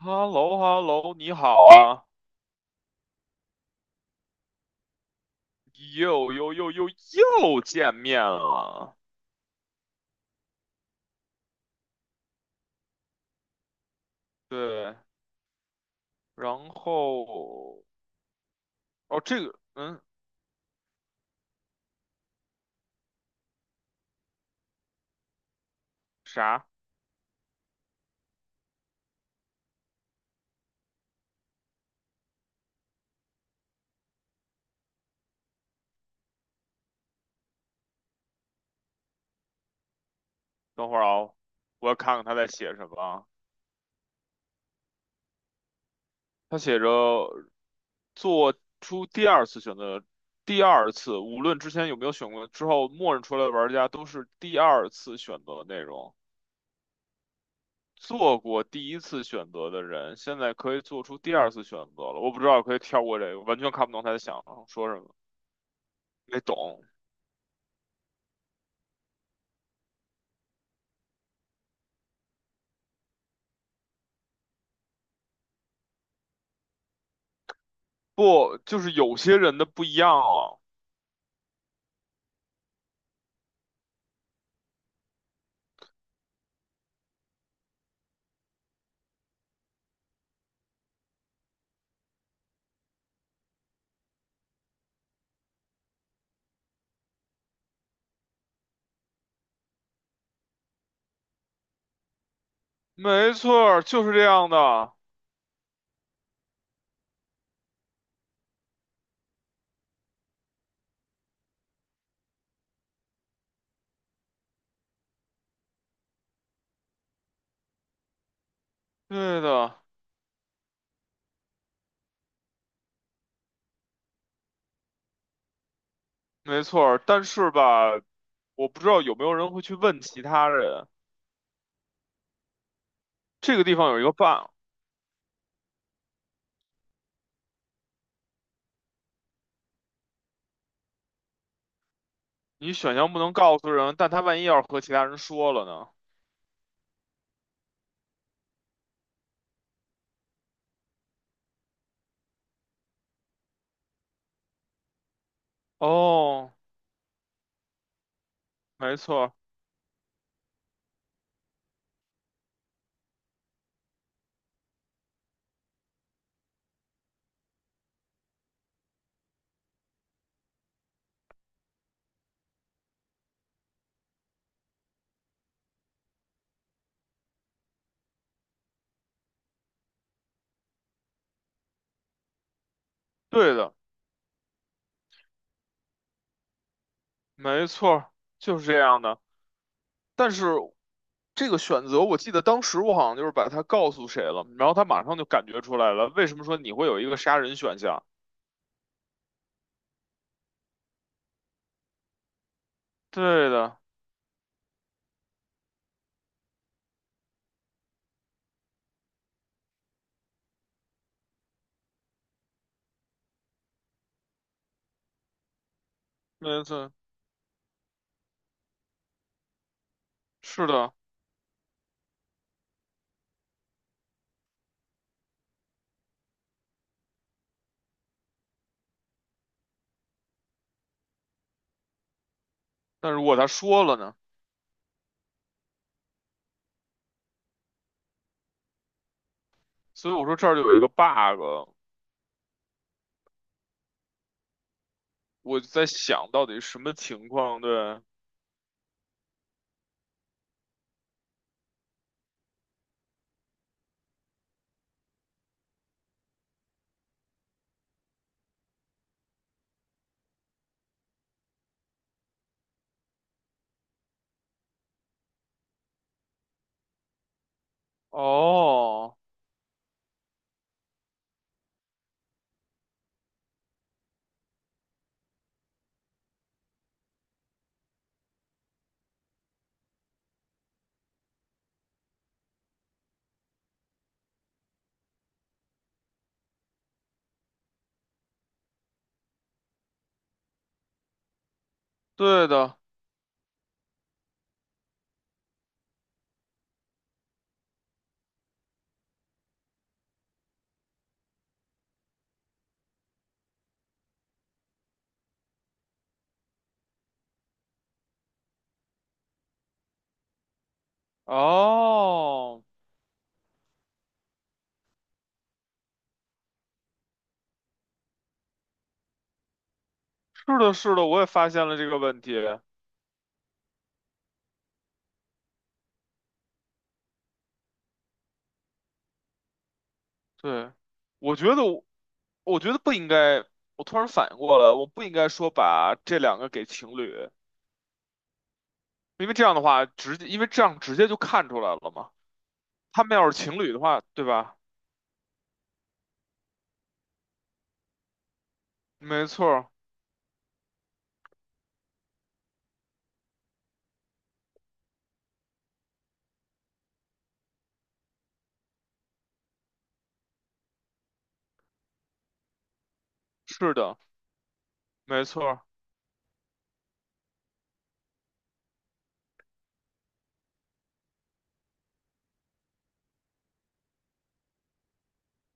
h e l l o h e l l o 你好啊，又又又又又见面了。对，然后哦，这个啥？等会儿啊，我要看看他在写什么啊。他写着做出第二次选择，第二次无论之前有没有选过，之后默认出来的玩家都是第二次选择的内容。做过第一次选择的人，现在可以做出第二次选择了。我不知道可以跳过这个，完全看不懂他在想说什么。没懂，不，就是有些人的不一样啊。没错儿，就是这样的，对的，没错儿。但是吧，我不知道有没有人会去问其他人。这个地方有一个 bug，你选项不能告诉人，但他万一要是和其他人说了呢？哦，没错儿，对的，没错儿，就是这样的。但是这个选择，我记得当时我好像就是把它告诉谁了，然后他马上就感觉出来了。为什么说你会有一个杀人选项？对的。没错，是的。但如果他说了呢？所以我说这儿就有一个 bug，我就在想到底什么情况？对，哦，对的，哦，是的，是的，我也发现了这个问题。对，我觉得我，我觉得不应该。我突然反应过来，我不应该说把这两个给情侣，因为这样的话直接，因为这样直接就看出来了嘛。他们要是情侣的话，对吧？没错儿，是的，没错儿，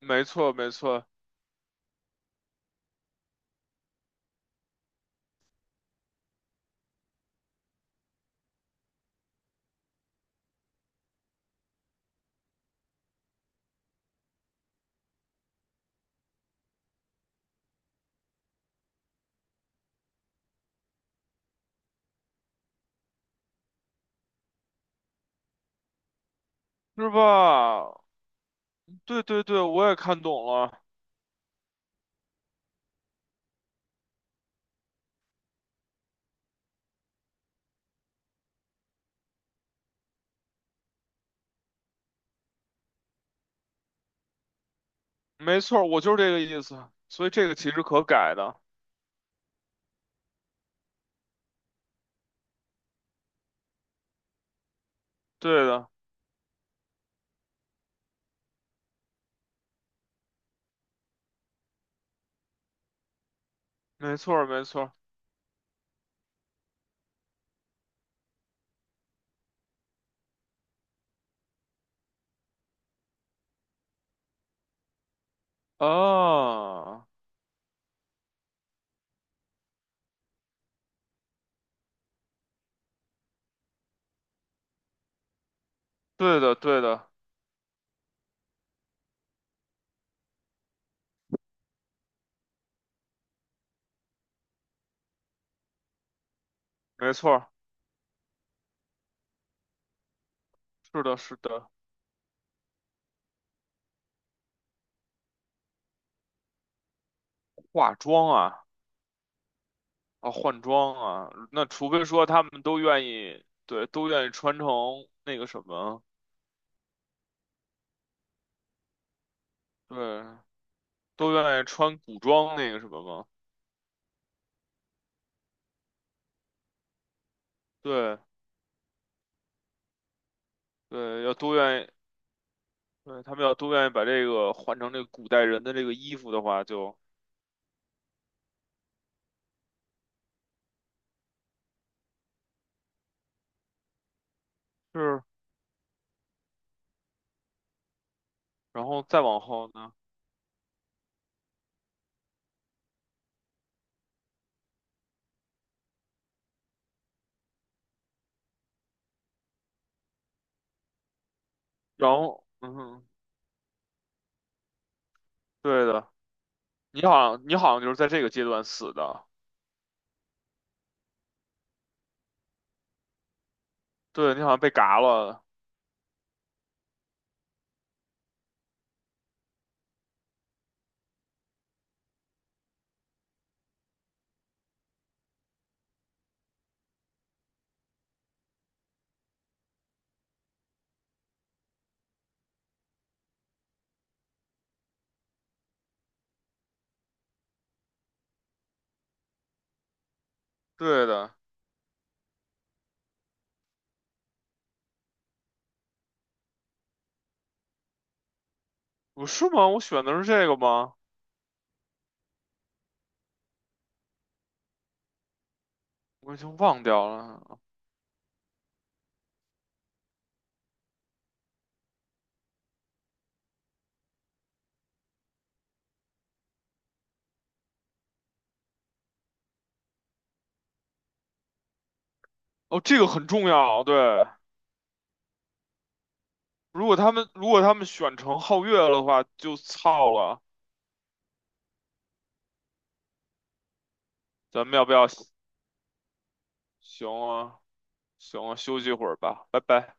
没错儿，没错儿。是吧？对对对，我也看懂了，没错儿，我就是这个意思。所以这个其实可改的，对的，没错儿没错儿。啊，对的对的，没错儿，是的是的。化妆啊啊，换装啊，那除非说他们都愿意，对，都愿意穿成那个什么，对，都愿意穿古装那个什么吗？对对，要都愿意，对，他们要都愿意把这个换成这个古代人的这个衣服的话就。是。然后再往后呢，然后嗯哼，对的，你好像就是在这个阶段死的，对你好像被嘎了，对的，我是吗？我选的是这个吗？我已经忘掉了。哦，这个很重要，对。如果他们选成皓月了的话，就操了。咱们要不要？行啊，行啊，休息一会儿吧，拜拜。